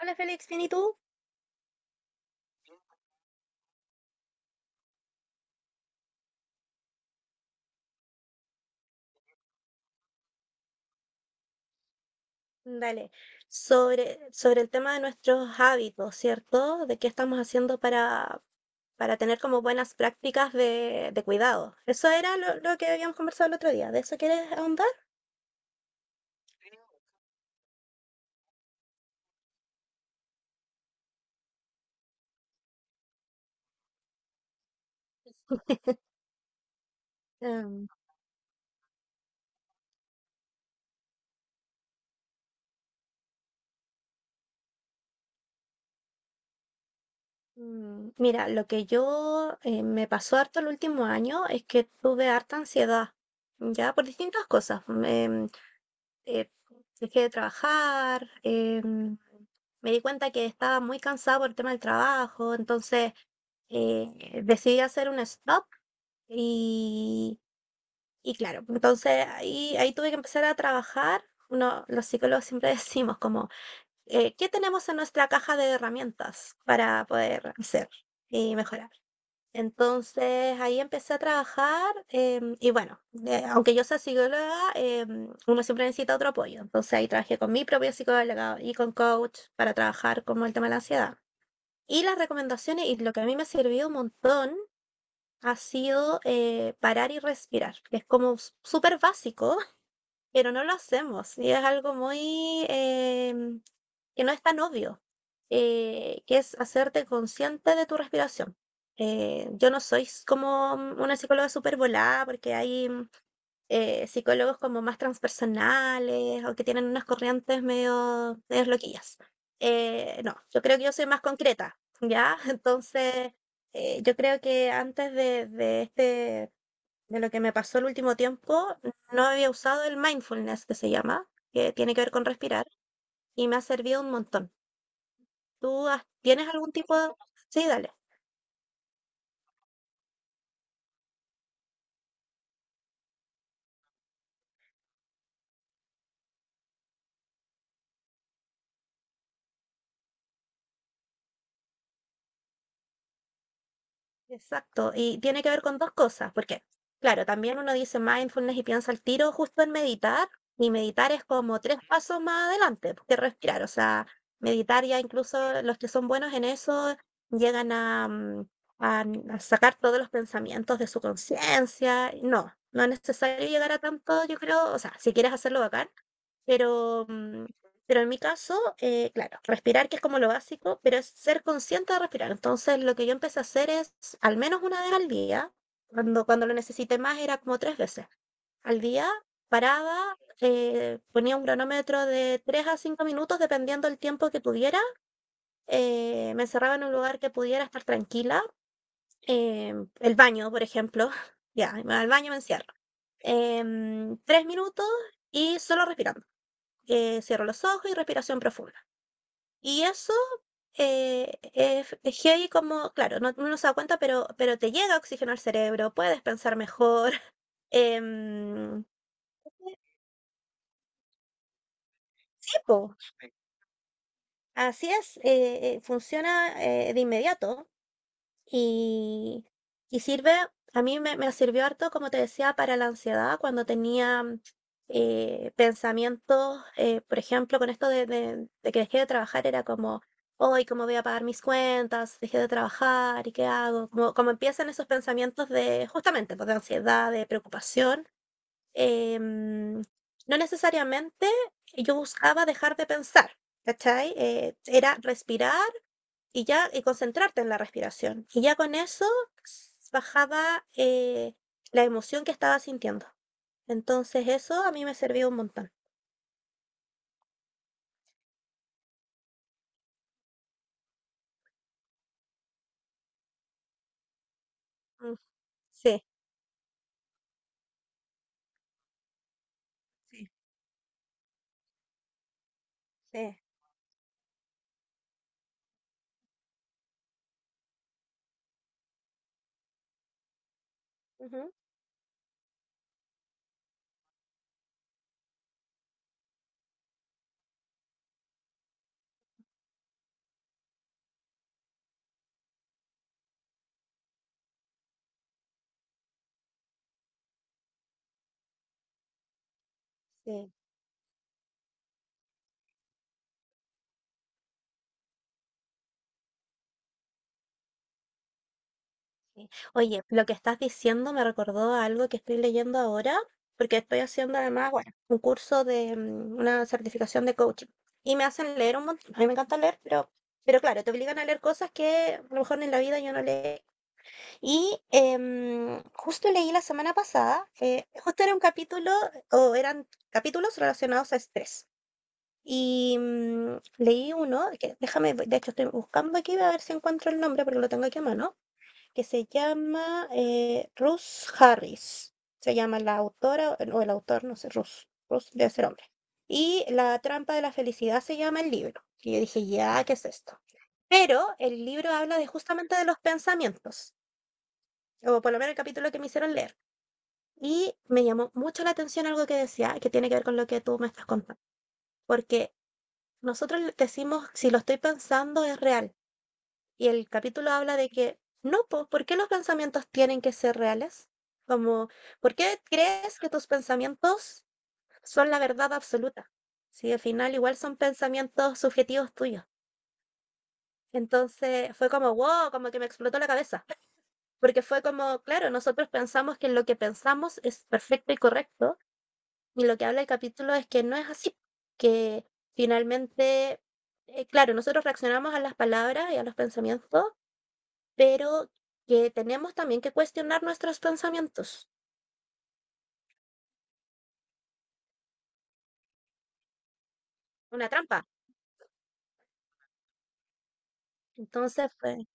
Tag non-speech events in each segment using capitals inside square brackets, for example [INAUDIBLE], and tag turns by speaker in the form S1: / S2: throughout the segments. S1: Hola Félix, ¿bien y tú? Dale. Sobre el tema de nuestros hábitos, ¿cierto? De qué estamos haciendo para tener como buenas prácticas de cuidado. Eso era lo que habíamos conversado el otro día. ¿De eso quieres ahondar? Em, mira, lo que yo me pasó harto el último año es que tuve harta ansiedad, ya por distintas cosas. Eh, dejé de trabajar. Me di cuenta que estaba muy cansada por el tema del trabajo, entonces decidí hacer un stop y, y claro. Entonces ahí tuve que empezar a trabajar. Uno, los psicólogos siempre [LAUGHS] decimos como, ¿qué tenemos en nuestra caja de herramientas para poder hacer y mejorar? Entonces ahí empecé a trabajar, y bueno, aunque yo sea psicóloga, uno siempre necesita otro apoyo. Entonces ahí trabajé con mi propia psicóloga y con coach para trabajar como el tema de la ansiedad. Y las recomendaciones y lo que a mí me ha servido un montón ha sido, parar y respirar, que es como súper básico, pero no lo hacemos y es algo muy, que no es tan obvio, que es hacerte consciente de tu respiración. Yo no soy como una psicóloga súper volada, porque hay, psicólogos como más transpersonales o que tienen unas corrientes medio, medio loquillas. No, yo creo que yo soy más concreta, ¿ya? [LAUGHS] Entonces, yo creo que antes de este, de lo que me pasó el último tiempo, no había usado el mindfulness que se llama, que tiene que ver con respirar, y me ha servido un montón. ¿Tú tienes algún tipo de... Sí, dale. Exacto, y tiene que ver con dos cosas. Porque claro, también uno dice mindfulness y piensa al tiro justo en meditar, y meditar es como 3 pasos más adelante que respirar. O sea, meditar, ya incluso los que son buenos en eso llegan a, mm, a n- a sacar todos los pensamientos de su conciencia. No, no es necesario llegar a tanto, yo creo. O sea, si quieres hacerlo, bacán, pero mm, pero en mi caso, claro, respirar, que es como lo básico, pero es ser consciente de respirar. Entonces, lo que yo empecé a hacer es, al menos una vez al día, cuando lo necesité más, era como 3 veces al día, paraba, ponía un cronómetro de 3 a 5 minutos, dependiendo del tiempo que tuviera. Me encerraba en un lugar que pudiera estar tranquila. eh, el baño, por ejemplo. [LAUGHS] Ya, me voy al baño, me encierro. 3 minutos y solo respirando. Cierro los ojos y respiración profunda. Y eso, es heavy, como, claro, no, uno no se da cuenta, pero te llega oxígeno al cerebro, puedes pensar mejor. [LAUGHS] em, sí, po, así es. Funciona, de inmediato. Y, y sirve. A mí me sirvió harto, como te decía, para la ansiedad, cuando tenía, pensamientos, por ejemplo. Con esto de que dejé de trabajar, era como, hoy, ¿cómo voy a pagar mis cuentas? Dejé de trabajar, ¿y qué hago? Como, como empiezan esos pensamientos de, justamente, pues, de ansiedad, de preocupación. eh, mm, no necesariamente yo buscaba dejar de pensar, ¿cachai? Era respirar y ya, y concentrarte en la respiración. Y ya con eso, bajaba, la emoción que estaba sintiendo. Entonces eso a mí me sirvió un montón. Mm. Sí, sí, sí. Ujú. Sí, sí. Oye, lo que estás diciendo me recordó a algo que estoy leyendo ahora, porque estoy haciendo, además, bueno, un curso de, una certificación de coaching. Y me hacen leer un montón. A mí me encanta leer, pero claro, te obligan a leer cosas que a lo mejor en la vida yo no leí. Y justo leí la semana pasada, justo era un capítulo, o eran capítulos relacionados a estrés. Y leí uno, que, déjame, de hecho estoy buscando aquí a ver si encuentro el nombre porque lo tengo aquí a mano, que se llama, Ruth Harris. Se llama la autora o el autor, no sé, Ruth. Ruth debe ser hombre. Y La trampa de la felicidad se llama el libro. Y yo dije, ya, ¿qué es esto? Pero el libro habla de, justamente, de los pensamientos, o por lo menos el capítulo que me hicieron leer. Y me llamó mucho la atención algo que decía, que tiene que ver con lo que tú me estás contando, porque nosotros le decimos, si lo estoy pensando, es real. Y el capítulo habla de que no, po, ¿por qué los pensamientos tienen que ser reales? Como, ¿por qué crees que tus pensamientos son la verdad absoluta? Si al final igual son pensamientos subjetivos tuyos. Entonces fue como, wow, como que me explotó la cabeza, porque fue como, claro, nosotros pensamos que lo que pensamos es perfecto y correcto. Y lo que habla el capítulo es que no es así, que finalmente, claro, nosotros reaccionamos a las palabras y a los pensamientos, pero que tenemos también que cuestionar nuestros pensamientos. Una trampa. Entonces fue,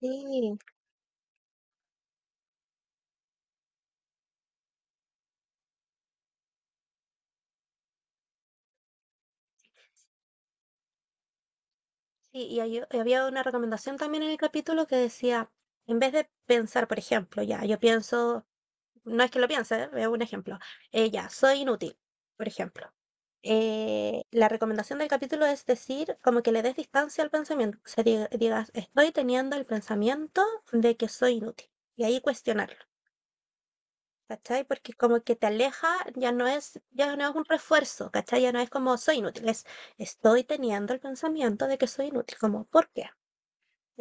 S1: sí, sí, y había una recomendación también en el capítulo que decía, en vez de pensar, por ejemplo, ya, yo pienso... No es que lo piense, es un ejemplo. Ya, soy inútil, por ejemplo. La recomendación del capítulo es decir, como que le des distancia al pensamiento. O sea, digas, estoy teniendo el pensamiento de que soy inútil. Y ahí cuestionarlo, ¿cachai? Porque como que te aleja, ya no es un refuerzo, ¿cachai? Ya no es como soy inútil, es estoy teniendo el pensamiento de que soy inútil. Como, ¿por qué?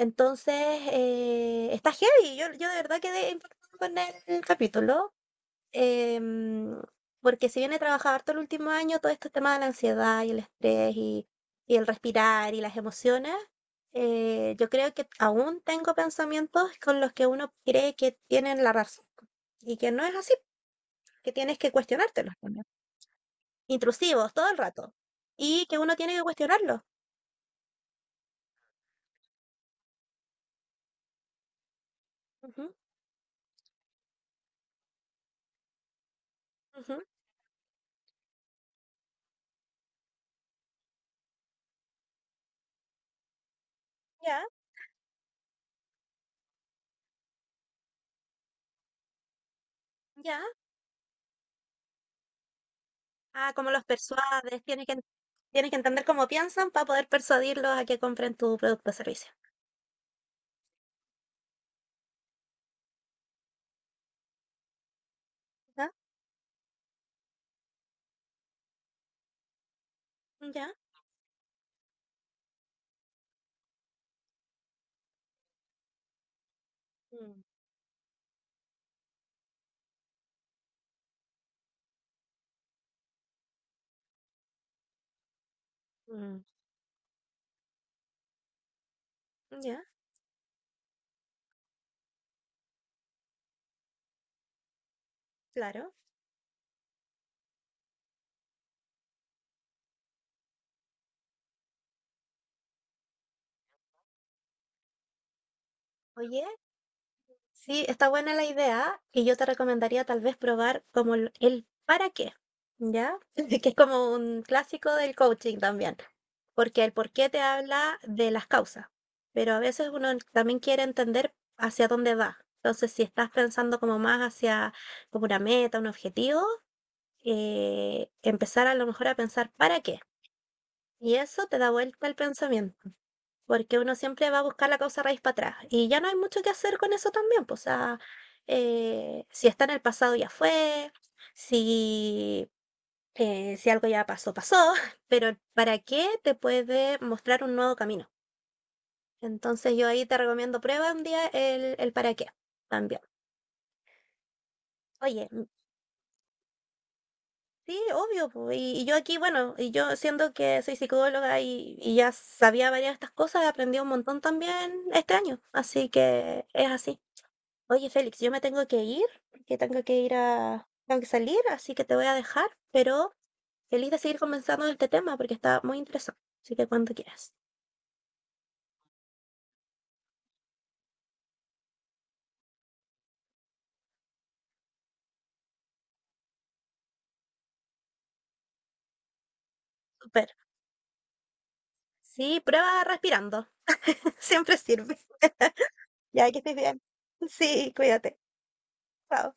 S1: Entonces, está heavy. Yo de verdad quedé impactada con el capítulo. Em, porque si bien he trabajado harto el último año, todo este tema de la ansiedad y el estrés, y el respirar y las emociones, yo creo que aún tengo pensamientos con los que uno cree que tienen la razón y que no es así, que tienes que cuestionártelos. También. Intrusivos todo el rato, y que uno tiene que cuestionarlos. Ujú, ujú. Ya, ya. Ah, como los persuades, tienes que, entender cómo piensan para poder persuadirlos a que compren tu producto o servicio. ¿Ya? ¿Ya? Mm, ya, claro. Oye, sí, está buena la idea y yo te recomendaría tal vez probar como el para qué, ¿ya? [LAUGHS] Que es como un clásico del coaching también, porque el por qué te habla de las causas, pero a veces uno también quiere entender hacia dónde va. Entonces, si estás pensando como más hacia como una meta, un objetivo, empezar a lo mejor a pensar para qué. Y eso te da vuelta el pensamiento. Porque uno siempre va a buscar la causa raíz para atrás y ya no hay mucho que hacer con eso también, pues, o sea, si está en el pasado, ya fue. Si, eh, si algo ya pasó, pasó, [LAUGHS] pero para qué te puede mostrar un nuevo camino. Entonces yo ahí te recomiendo, prueba un día el para qué también. Oye, sí, obvio, po. Y yo aquí, bueno, y yo siendo que soy psicóloga, y ya sabía varias de estas cosas, aprendí un montón también este año. Así que es así. Oye, Félix, yo me tengo que ir, porque tengo que ir a... Tengo que salir, así que te voy a dejar, pero feliz de seguir conversando de este tema porque está muy interesante. Así que cuando quieras. Súper. Sí, prueba respirando. [LAUGHS] Siempre sirve. [LAUGHS] Ya, que estés bien. Sí, cuídate. Chao.